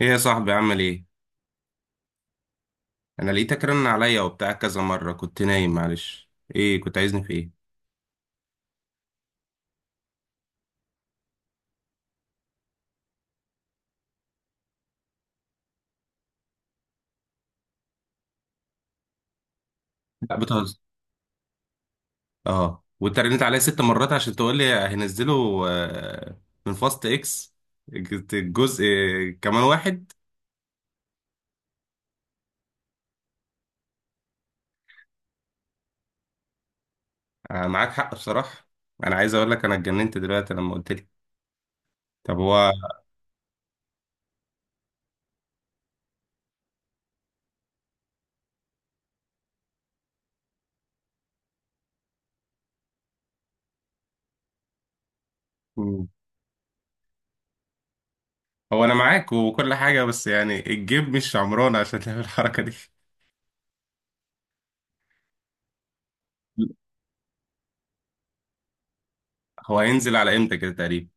ايه يا صاحبي، عامل ايه؟ انا لقيتك رن عليا وبتاع كذا مره، كنت نايم معلش. ايه كنت عايزني في ايه؟ لا بتهزر. اه وانت رنيت عليا 6 مرات عشان تقول لي هنزله؟ آه، من فاست اكس الجزء كمان واحد. معاك حق بصراحه. انا عايز اقول لك انا اتجننت دلوقتي لما قلت لي. طب هو. مم. هو انا معاك وكل حاجه، بس يعني الجيب مش عمران عشان تعمل الحركه دي. هو هينزل على امتى كده تقريبا؟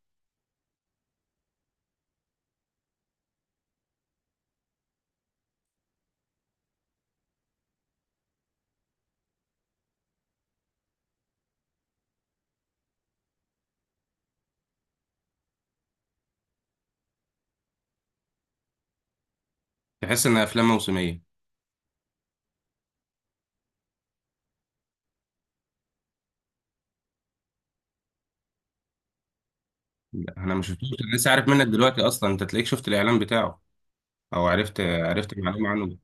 تحس ان افلام موسميه. لا، انا ما شفتوش، أنا لسه عارف منك دلوقتي اصلا. انت تلاقيك شفت الاعلان بتاعه او عرفت معلومه عنه؟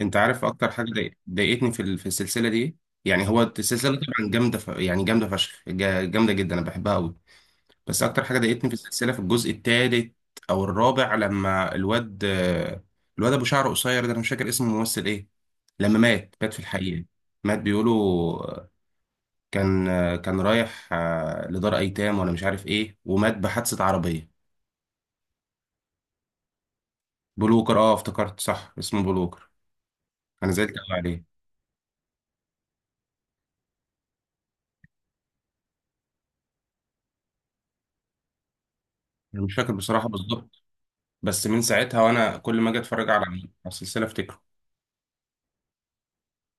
انت عارف اكتر حاجه ضايقتني في في السلسله دي إيه؟ يعني هو السلسله طبعا جامده، يعني جامده فشخ، جامده جدا، انا بحبها قوي. بس اكتر حاجه ضايقتني في السلسله في الجزء الثالث او الرابع، لما الواد ابو شعر قصير ده، انا مش فاكر اسم الممثل ايه، لما مات في الحقيقه، مات بيقولوا. كان كان رايح لدار ايتام ولا مش عارف ايه، ومات بحادثه عربيه. بلوكر، اه افتكرت، صح اسمه بلوكر. انا زعلت قوي عليه. انا مش فاكر بصراحه بالظبط. بس من ساعتها وانا كل ما اجي اتفرج على السلسله افتكره.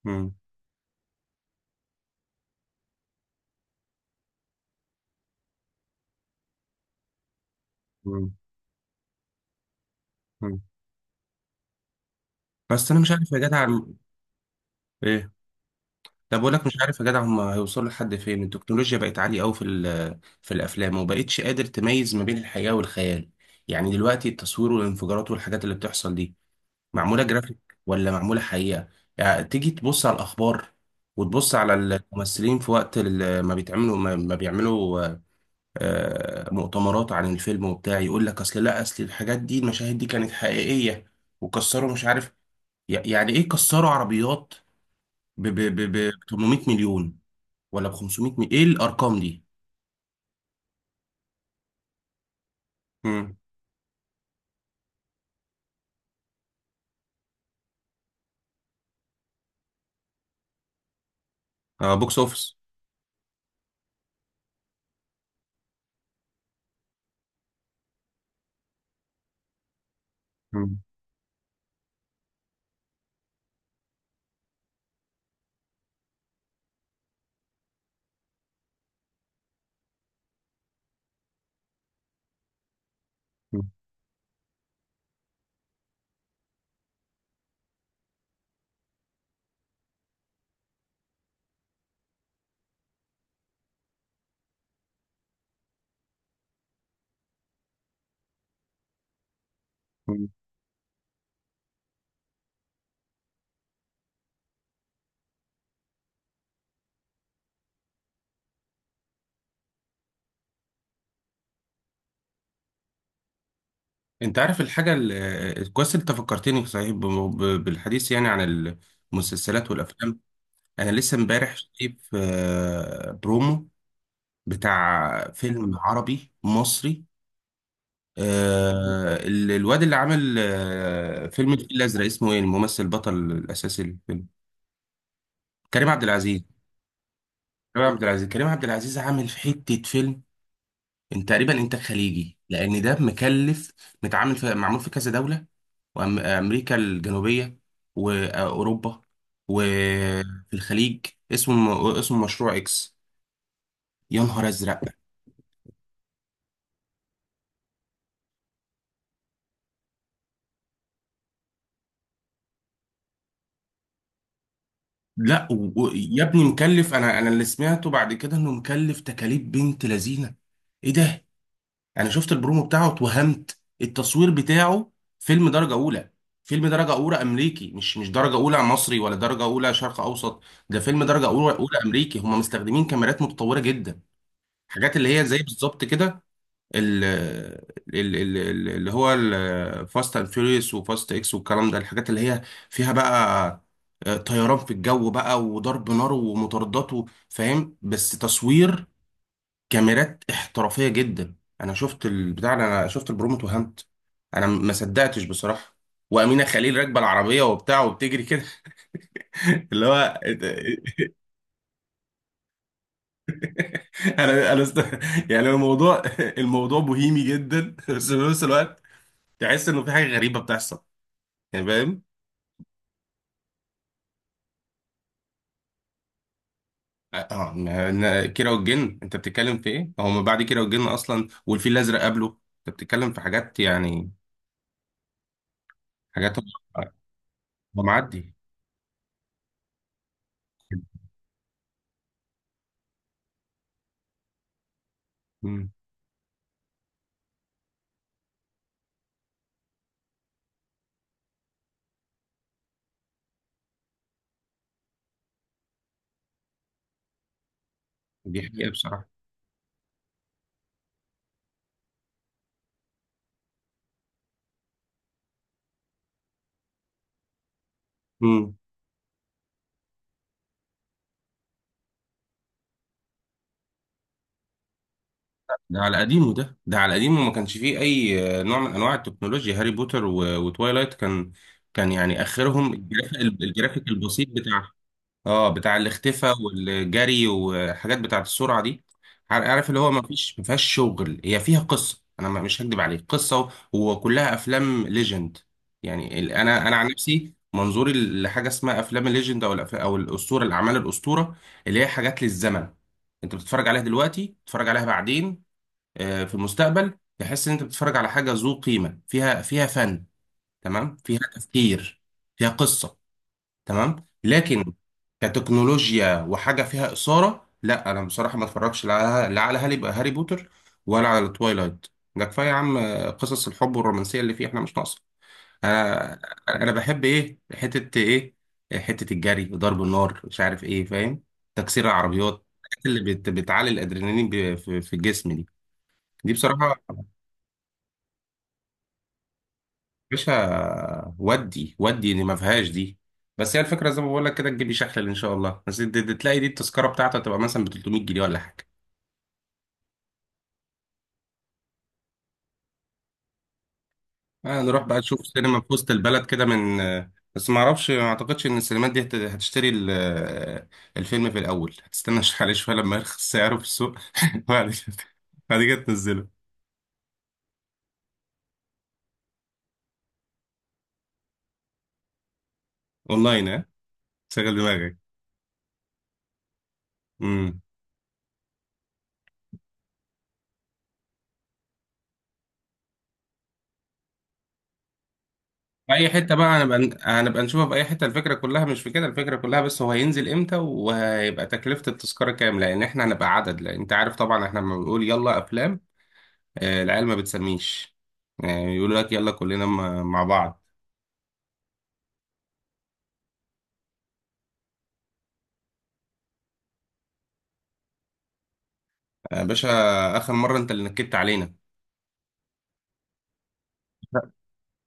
مم. مم. مم. بس انا مش عارف يا جدع ايه، طب بقول لك مش عارف يا جدع هم هيوصلوا لحد فين. التكنولوجيا بقت عاليه قوي في في الافلام، وبقتش قادر تميز ما بين الحقيقه والخيال. يعني دلوقتي التصوير والانفجارات والحاجات اللي بتحصل دي، معمولة جرافيك ولا معمولة حقيقة؟ يعني تيجي تبص على الأخبار، وتبص على الممثلين في وقت ما بيتعملوا، ما بيعملوا مؤتمرات عن الفيلم وبتاع، يقول لك أصل، لا أصل الحاجات دي، المشاهد دي كانت حقيقية، وكسروا مش عارف يعني إيه، كسروا عربيات ب 800 مليون، ولا ب 500 مليون؟ إيه الأرقام دي؟ مم. آه، بوكس أوفيس. مم. مم. انت عارف الحاجة كويس انت فكرتني صحيح بالحديث يعني عن المسلسلات والافلام. انا لسه امبارح شايف برومو بتاع فيلم عربي مصري. الواد اللي عامل فيلم الفيل الازرق، اسمه ايه الممثل البطل الاساسي للفيلم؟ كريم عبد العزيز. كريم عبد العزيز عامل في حتة فيلم، انت تقريبا انتاج خليجي لان ده مكلف، متعامل في، معمول في كذا دوله: وامريكا الجنوبيه، واوروبا، وفي الخليج. اسمه مشروع اكس. يا نهار ازرق. لا يا ابني مكلف، انا اللي سمعته بعد كده انه مكلف تكاليف بنت لذينه. ايه ده؟ يعني شفت البرومو بتاعه، اتوهمت التصوير بتاعه، فيلم درجة أولى، فيلم درجة أولى أمريكي، مش درجة أولى مصري، ولا درجة أولى شرق أوسط، ده فيلم درجة أولى أمريكي. هم مستخدمين كاميرات متطورة جدا، حاجات اللي هي زي بالظبط كده، ال- اللي هو الفاست اند فيوريوس وفاست اكس والكلام ده. الحاجات اللي هي فيها بقى طيران في الجو بقى، وضرب نار، ومطاردات، فاهم؟ بس تصوير، كاميرات احترافية جدا. انا شفت البتاع، انا شفت البرومو، اتوهمت. انا ما صدقتش بصراحة. وأمينة خليل راكبة العربية وبتاع وبتجري كده، اللي هو انا انا است... يعني الموضوع بوهيمي جدا، بس في نفس الوقت تحس انه في حاجة غريبة بتحصل، يعني فاهم؟ اه كيرة والجن، انت بتتكلم في ايه؟ هو ما بعد كيرة والجن اصلا، والفيل الازرق قبله، انت بتتكلم في حاجات، يعني حاجات. هو معدي. مم. دي حقيقة بصراحة. ده على قديمه، ده على قديمه، ما كانش فيه اي نوع من انواع التكنولوجيا. هاري بوتر وتوايلايت، كان كان يعني اخرهم الجرافيك البسيط بتاع. اه، بتاع الاختفاء والجري وحاجات بتاعه السرعه دي. عارف اللي هو ما فيش، ما فيهاش شغل، هي فيها قصه، انا مش هكدب عليك، قصه وكلها افلام ليجند. يعني انا عن نفسي منظوري لحاجه اسمها افلام الليجند، او او الاسطوره، الاعمال الاسطوره، اللي هي حاجات للزمن. انت بتتفرج عليها دلوقتي، بتتفرج عليها بعدين في المستقبل، تحس ان انت بتتفرج على حاجه ذو قيمه، فيها فن تمام، فيها تفكير، فيها قصه تمام. لكن كتكنولوجيا وحاجه فيها اثاره، لا انا بصراحه ما اتفرجش، لا لا، على هاري بوتر، ولا على تويلايت. ده كفايه يا عم، قصص الحب والرومانسيه اللي فيه احنا مش ناقصه. انا انا بحب ايه؟ حته ايه؟ حته الجري، ضرب النار، مش عارف ايه، فاهم؟ تكسير العربيات، الحاجات اللي بتعلي الادرينالين في في الجسم دي، دي بصراحه. باشا ودي، ودي اللي ما فيهاش دي. بس هي الفكره زي ما بقول لك كده، تجيبي شحلل ان شاء الله، بس تلاقي دي التذكره بتاعته تبقى مثلا ب 300 جنيه ولا حاجه. آه، نروح بقى نشوف سينما في وسط البلد كده، من بس ما اعرفش، ما اعتقدش ان السينمات دي هتشتري الفيلم في الاول. هتستنى شحال شويه لما يرخص سعره في السوق، بعد كده، بعد كده تنزله اونلاين، ها؟ شغل دماغك. في اي حته بقى هنبقى نشوفها في اي حته، الفكره كلها مش في كده. الفكره كلها بس هو هينزل امتى، وهيبقى تكلفه التذكره كام، لان احنا هنبقى عدد. لان انت عارف طبعا، احنا لما بنقول يلا افلام، العيال ما بتسميش، يعني يقول لك يلا كلنا مع بعض. يا باشا، اخر مره انت اللي نكدت علينا.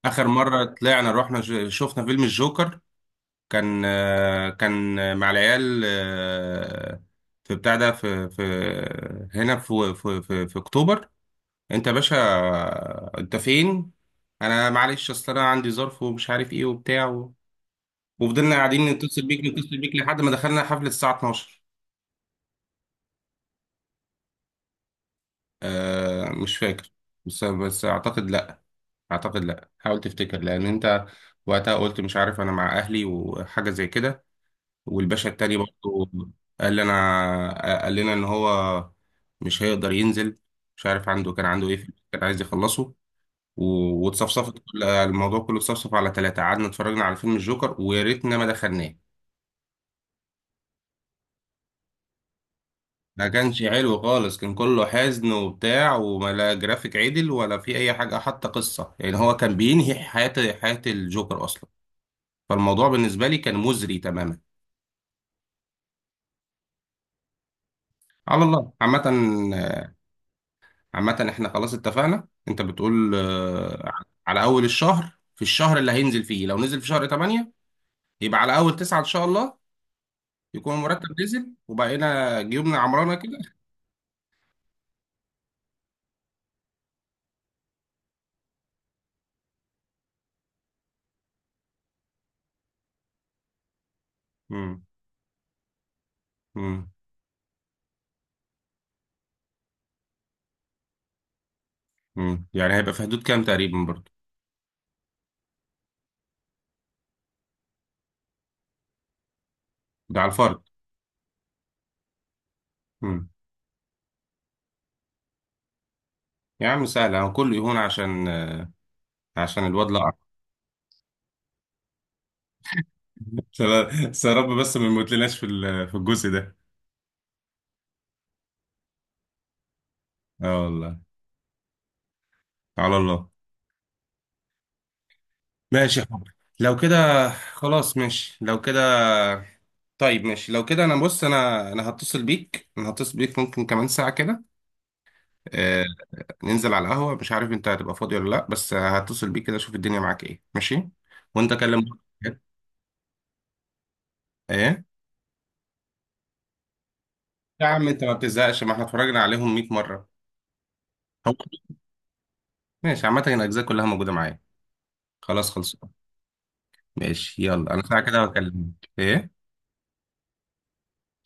اخر مره طلعنا رحنا شفنا فيلم الجوكر، كان مع العيال في بتاع ده، في في هنا في اكتوبر. انت يا باشا، انت فين؟ انا معلش، اصل انا عندي ظرف ومش عارف ايه وبتاع وفضلنا قاعدين نتصل بيك، نتصل بيك لحد ما دخلنا حفلة الساعة 12. مش فاكر، بس اعتقد لا. اعتقد لا، حاول تفتكر، لان انت وقتها قلت مش عارف، انا مع اهلي وحاجة زي كده. والباشا التاني برضه قال لنا ان هو مش هيقدر ينزل، مش عارف عنده، كان عنده ايه كان عايز يخلصه، واتصفصفت الموضوع كله اتصفصف على 3. قعدنا اتفرجنا على فيلم الجوكر، ويا ريتنا ما دخلناه. ما كانش حلو خالص، كان كله حزن وبتاع، وما لا جرافيك عدل ولا في أي حاجة، حتى قصة، يعني هو كان بينهي حياة الجوكر أصلا، فالموضوع بالنسبة لي كان مزري تماما. على الله عامة احنا خلاص اتفقنا، انت بتقول على أول الشهر، في الشهر اللي هينزل فيه، لو نزل في شهر 8 يبقى على أول 9 إن شاء الله، يكون المرتب نزل وبقينا جيوبنا عمرانة كده. مم. مم. مم. يعني هيبقى في حدود كام تقريبا برضو؟ ده على الفرد؟ مم. يا عم سهل، هو كله يهون عشان الواد، لا. بس يا رب، بس ما يموتلناش في في الجزء ده. اه والله، على الله. ماشي يا حب، لو كده خلاص، ماشي لو كده. طيب ماشي لو كده، انا بص، انا هتصل بيك، ممكن كمان ساعة كده. آه ننزل على القهوة، مش عارف انت هتبقى فاضي ولا لا، بس هتصل بيك كده اشوف الدنيا معاك ايه، ماشي. وانت كلم. ايه يا عم، انت ما بتزهقش؟ ما احنا اتفرجنا عليهم 100 مرة. هو ماشي، عامة الأجزاء كلها موجودة معايا، خلاص خلص. ماشي يلا، أنا ساعة كده هكلمك إيه؟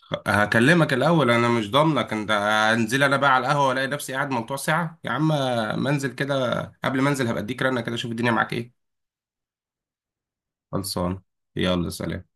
هكلمك الأول، أنا مش ضامنك أنت هنزل، أنا بقى على القهوة ألاقي نفسي قاعد ممتوع ساعة يا عم. ما أنزل كده، قبل ما أنزل هبقى أديك رنة كده أشوف الدنيا معاك إيه. خلصان، يلا سلام.